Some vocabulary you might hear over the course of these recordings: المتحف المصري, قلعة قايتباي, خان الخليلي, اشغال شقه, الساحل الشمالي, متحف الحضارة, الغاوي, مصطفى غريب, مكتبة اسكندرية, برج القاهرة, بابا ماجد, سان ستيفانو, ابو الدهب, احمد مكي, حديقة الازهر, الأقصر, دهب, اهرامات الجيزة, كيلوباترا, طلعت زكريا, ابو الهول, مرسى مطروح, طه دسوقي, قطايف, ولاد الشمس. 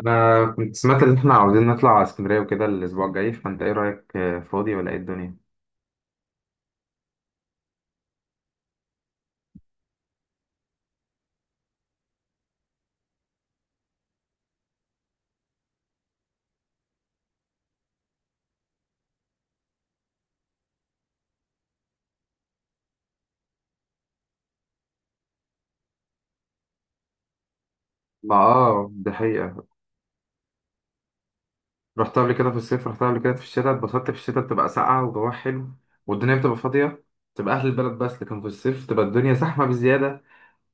انا كنت سمعت ان احنا عاوزين نطلع على اسكندريه وكده الاسبوع الجاي، فانت ايه رايك؟ فاضي ولا ايه الدنيا؟ ما ده حقيقه. رحت قبل كده في الصيف، رحت قبل كده في الشتاء، اتبسطت. في الشتاء بتبقى ساقعه وجواها حلو، والدنيا بتبقى فاضيه، تبقى اهل البلد بس. لكن في الصيف تبقى الدنيا زحمه بزياده،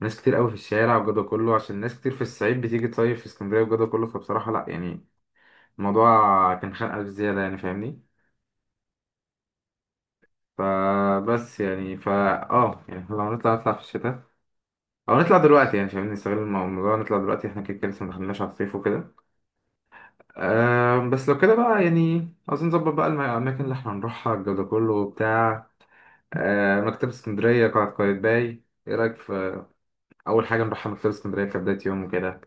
ناس كتير قوي في الشارع والجو ده كله، عشان ناس كتير في الصعيد بتيجي تصيف في اسكندريه والجو ده كله، فبصراحه لا يعني. الموضوع كان خانقه بزياده يعني، فاهمني؟ فبس يعني اه يعني لو نطلع نطلع في الشتاء، او نطلع دلوقتي، يعني مش عايزين نستغل الموضوع، نطلع دلوقتي احنا كده كده لسه ما دخلناش على الصيف وكده. بس لو كده بقى يعني عاوزين نظبط بقى الاماكن اللي احنا هنروحها الجو ده كله وبتاع. مكتبة اسكندرية، قلعة قايتباي، ايه رايك في اول حاجة نروحها مكتبة اسكندرية كبداية يوم وكده؟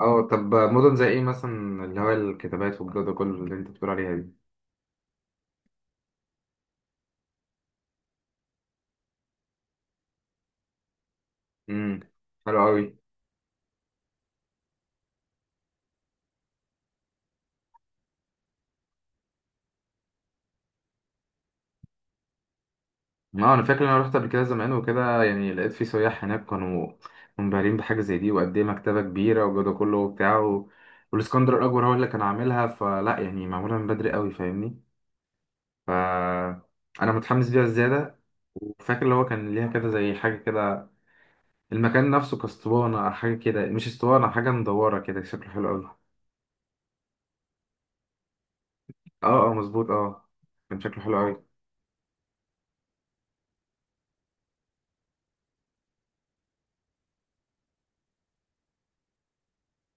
اه طب مدن زي ايه مثلا، اللي هو الكتابات والجو ده كله اللي انت بتقول عليها دي؟ امم. حلو قوي. اه انا فاكر ان انا رحت قبل كده زمان وكده، يعني لقيت في سياح هناك كانوا منبهرين بحاجه زي دي، وقد ايه مكتبه كبيره والجو ده كله وبتاع و... والاسكندر الاكبر هو اللي كان عاملها، فلا يعني معموله من بدري قوي، فاهمني؟ ف انا متحمس ليها زياده، وفاكر اللي هو كان ليها كده زي حاجه كده، المكان نفسه كاسطوانه او حاجه كده، مش اسطوانه، حاجه مدوره كده، شكله حلو قوي. اه، اه، مظبوط، اه. كان شكله حلو قوي.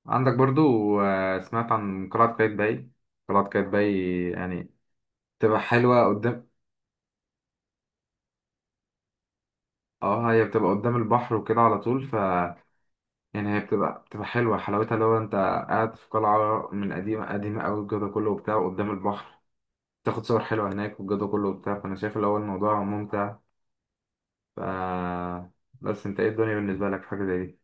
عندك برضو، سمعت عن قلعه قايتباي. قلعه قايتباي يعني تبقى حلوة قدام. اه، هي بتبقى قدام البحر وكده على طول، يعني هي بتبقى بتبقى حلوة، حلاوتها لو انت قاعد في قلعة من قديمة قديمة قوي، الجو ده كله وبتاع قدام البحر، تاخد صور حلوة هناك والجو ده كله وبتاع، فانا شايف اللي هو الموضوع ممتع. ف بس انت ايه الدنيا بالنسبة لك في حاجة زي دي؟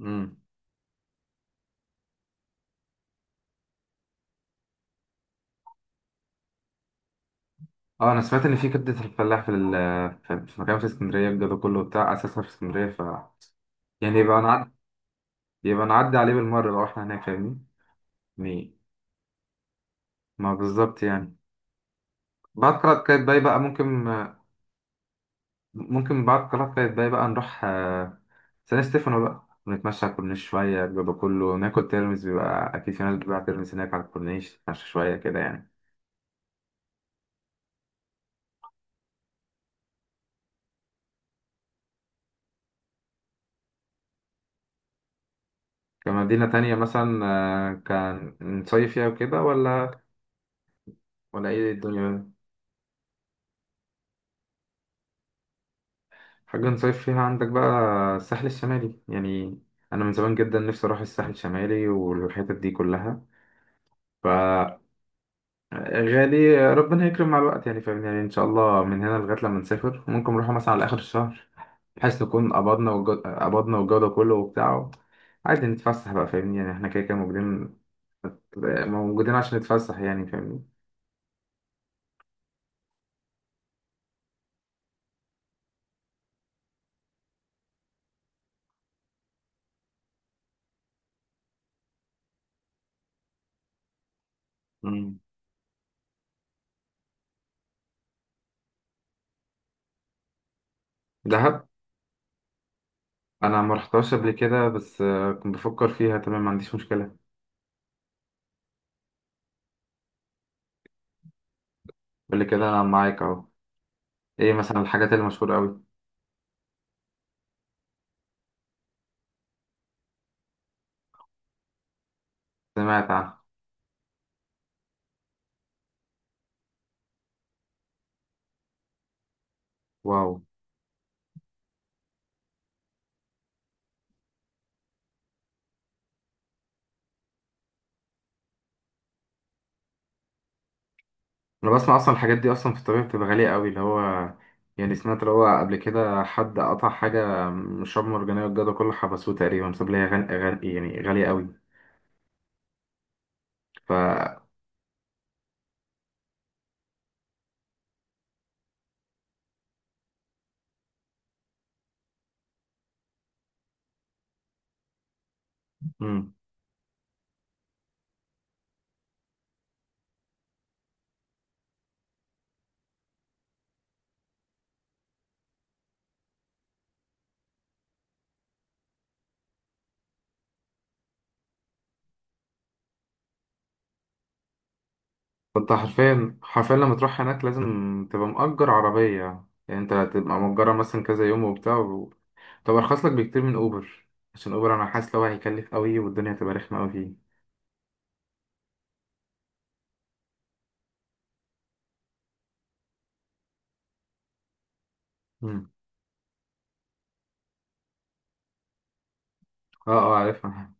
امم. اه انا سمعت ان في كبدة الفلاح في في مكان في اسكندرية، الجو ده كله وبتاع، اساسها في اسكندرية. يعني يبقى نعدي عليه بالمرة لو احنا هناك، فاهمني يعني؟ ما بالظبط يعني. بعد كده كده باي بقى ممكن. ممكن بعد القلعة القايتباي بقى نروح سان ستيفانو بقى، ونتمشى على الكورنيش شوية، بيبقى كله ناكل ترمس، بيبقى أكيد في ناس بتبيع ترمس هناك على الكورنيش، نتمشى شوية كده يعني. كمدينة تانية مثلا، كان نصيف فيها وكده، ولا ولا إيه الدنيا؟ حاجة نصيف فيها عندك بقى. الساحل الشمالي يعني. أنا من زمان جدا نفسي أروح الساحل الشمالي والحتت دي كلها. غالي، ربنا هيكرم مع الوقت يعني، فاهمني؟ يعني ان شاء الله من هنا لغايه لما نسافر ممكن نروح مثلا على اخر الشهر، بحيث نكون قبضنا والجو ده كله وبتاع، عادي نتفسح بقى، فاهمني؟ يعني احنا كده كده موجودين موجودين عشان نتفسح يعني، فاهمني؟ مم. دهب. انا ما رحتهاش قبل كده، بس كنت بفكر فيها، تمام، ما عنديش مشكله. قول لي كده، انا معاك اهو. ايه مثلا الحاجات المشهوره قوي؟ سمعت عنها. واو. انا بسمع اصلا الحاجات دي اصلا في الطبيعي بتبقى غاليه قوي، اللي هو يعني سمعت اللي هو قبل كده حد قطع حاجه من الشعاب المرجانيه والجدع كله حبسوه تقريبا بسبب لها يعني غاليه قوي. ف مم. فانت حرفيا حرفيا لما تروح هناك لازم تبقى مأجر عربيه، يعني انت تبقى مأجرها مثلا كذا يوم وبتاع و... طب ارخص لك بكتير من اوبر، عشان اوبر انا حاسس لو هيكلف قوي، والدنيا هتبقى رخمه قوي فيه. مم. اه، اه، عارفها.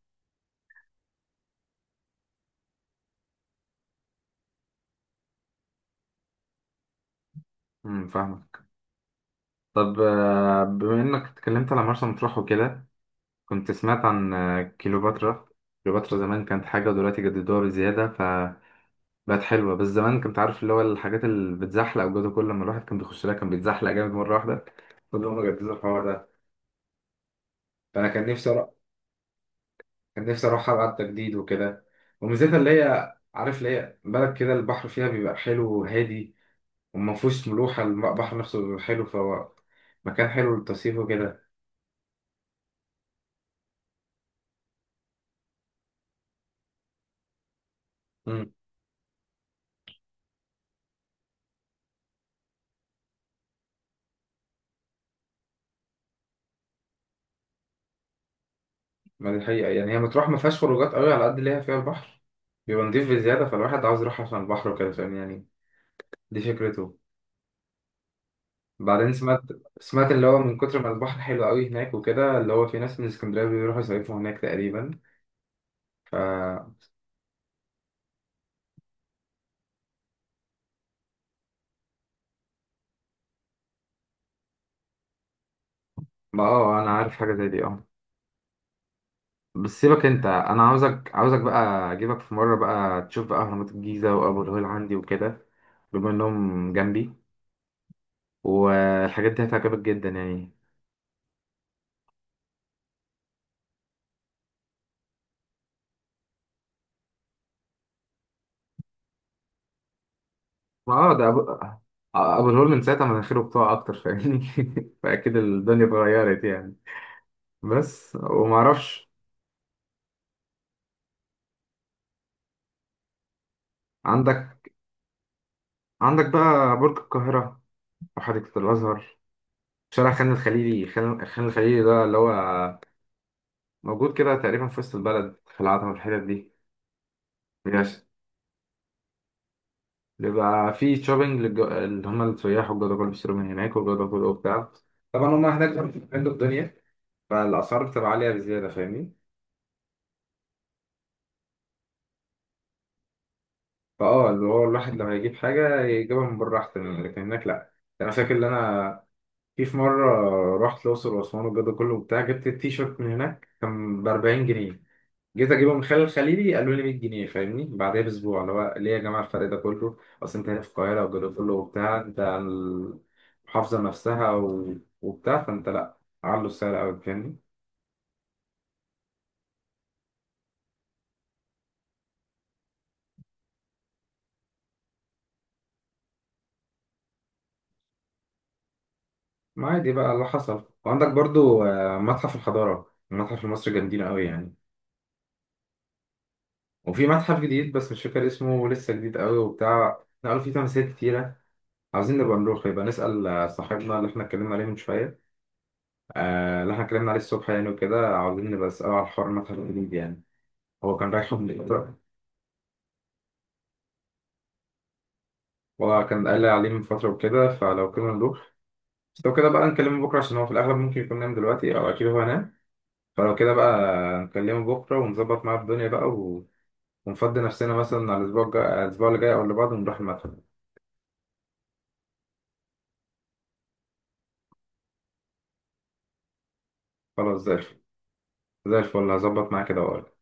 مم، فاهمك. طب بما انك اتكلمت على مرسى مطروح وكده، كنت سمعت عن كيلوباترا. كيلوباترا زمان كانت حاجة ودلوقتي جددوها بزيادة فبقت حلوة، بس زمان كنت عارف اللي هو الحاجات اللي بتزحلق وجوده، كل لما الواحد كان بيخش لها كان بيتزحلق جامد مرة واحدة، فاللي هم جددوا الحوار ده. فأنا كان نفسي أروح ألعب تجديد وكده، وميزتها اللي هي عارف اللي هي بلد كده البحر فيها بيبقى حلو وهادي، وما فيهوش ملوحة، البحر نفسه بيبقى حلو، فهو مكان حلو للتصيف وكده. ما دي حقيقة، يعني هي مطروح ما فيهاش خروجات قوي على قد اللي هي فيها البحر بيبقى نضيف بزيادة، فالواحد عاوز يروح عشان البحر وكده، فاهم يعني؟ دي فكرته. بعدين سمعت، اللي هو من كتر ما البحر حلو قوي هناك وكده، اللي هو في ناس من اسكندرية بيروحوا يصيفوا هناك تقريبا. ف ما انا عارف حاجة زي دي، اه. بس سيبك، انت انا عاوزك عاوزك بقى اجيبك في مرة بقى تشوف بقى اهرامات الجيزة وابو الهول عندي وكده، بما انهم جنبي، والحاجات دي هتعجبك جدا يعني. ما ده ابو ابو الهول من ساعتها مناخيره بتقع اكتر، فاهمني؟ فاكيد الدنيا اتغيرت يعني. بس وما اعرفش. عندك عندك بقى برج القاهره او حديقه الازهر، شارع خان الخليلي. خان خان الخليلي ده اللي هو موجود كده تقريبا في وسط البلد في العتبه والحتت دي، بيبقى بيبقى فيه شوبينج اللي هم السياح، والجدعان بيشتروا من هناك، والجدعان وبتاع، طبعا هم هناك بيعملوا الدنيا، فالاسعار بتبقى عاليه بزياده، فاهمني؟ فاه اللي هو الواحد لما يجيب حاجة يجيبها من بره أحسن يعني، لكن هناك لأ يعني. أنا فاكر إن أنا في مرة رحت الأقصر وأسوان والجو ده كله وبتاع، جبت التيشيرت من هناك كان ب40 جنيه. جيت أجيبه من خلال الخليلي قالوا لي 100 جنيه، فاهمني؟ بعدها بأسبوع اللي هو ليه يا جماعة الفرق ده كله؟ أصل أنت هنا في القاهرة والجو ده كله وبتاع، أنت عن المحافظة نفسها و... وبتاع، فأنت لأ، علوا السعر أوي، فاهمني؟ ما عادي بقى اللي حصل. وعندك برضو متحف الحضارة، المتحف المصري، جامدين أوي يعني. وفي متحف جديد بس مش فاكر اسمه، لسه جديد قوي وبتاع، نقلوا فيه تماثيل كتيرة. عاوزين نبقى نروح، يبقى نسأل صاحبنا اللي احنا اتكلمنا عليه من شوية، اللي احنا اتكلمنا عليه الصبح يعني وكده، عاوزين نبقى نسأله على حوار المتحف الجديد يعني. هو كان رايحه من فترة، وكان قال لي عليه من فترة وكده، فلو كده نروح. بس لو كده بقى نكلمه بكرة، عشان هو في الأغلب ممكن يكون نام دلوقتي، أو أكيد هو نام، فلو كده بقى نكلمه بكرة ونظبط معاه الدنيا بقى و... ونفضي نفسنا مثلا على الأسبوع الجاي، الأسبوع اللي جاي أو اللي بعده، ونروح المتحف. خلاص زي الفل. زي الفل هظبط معاه كده وأقول.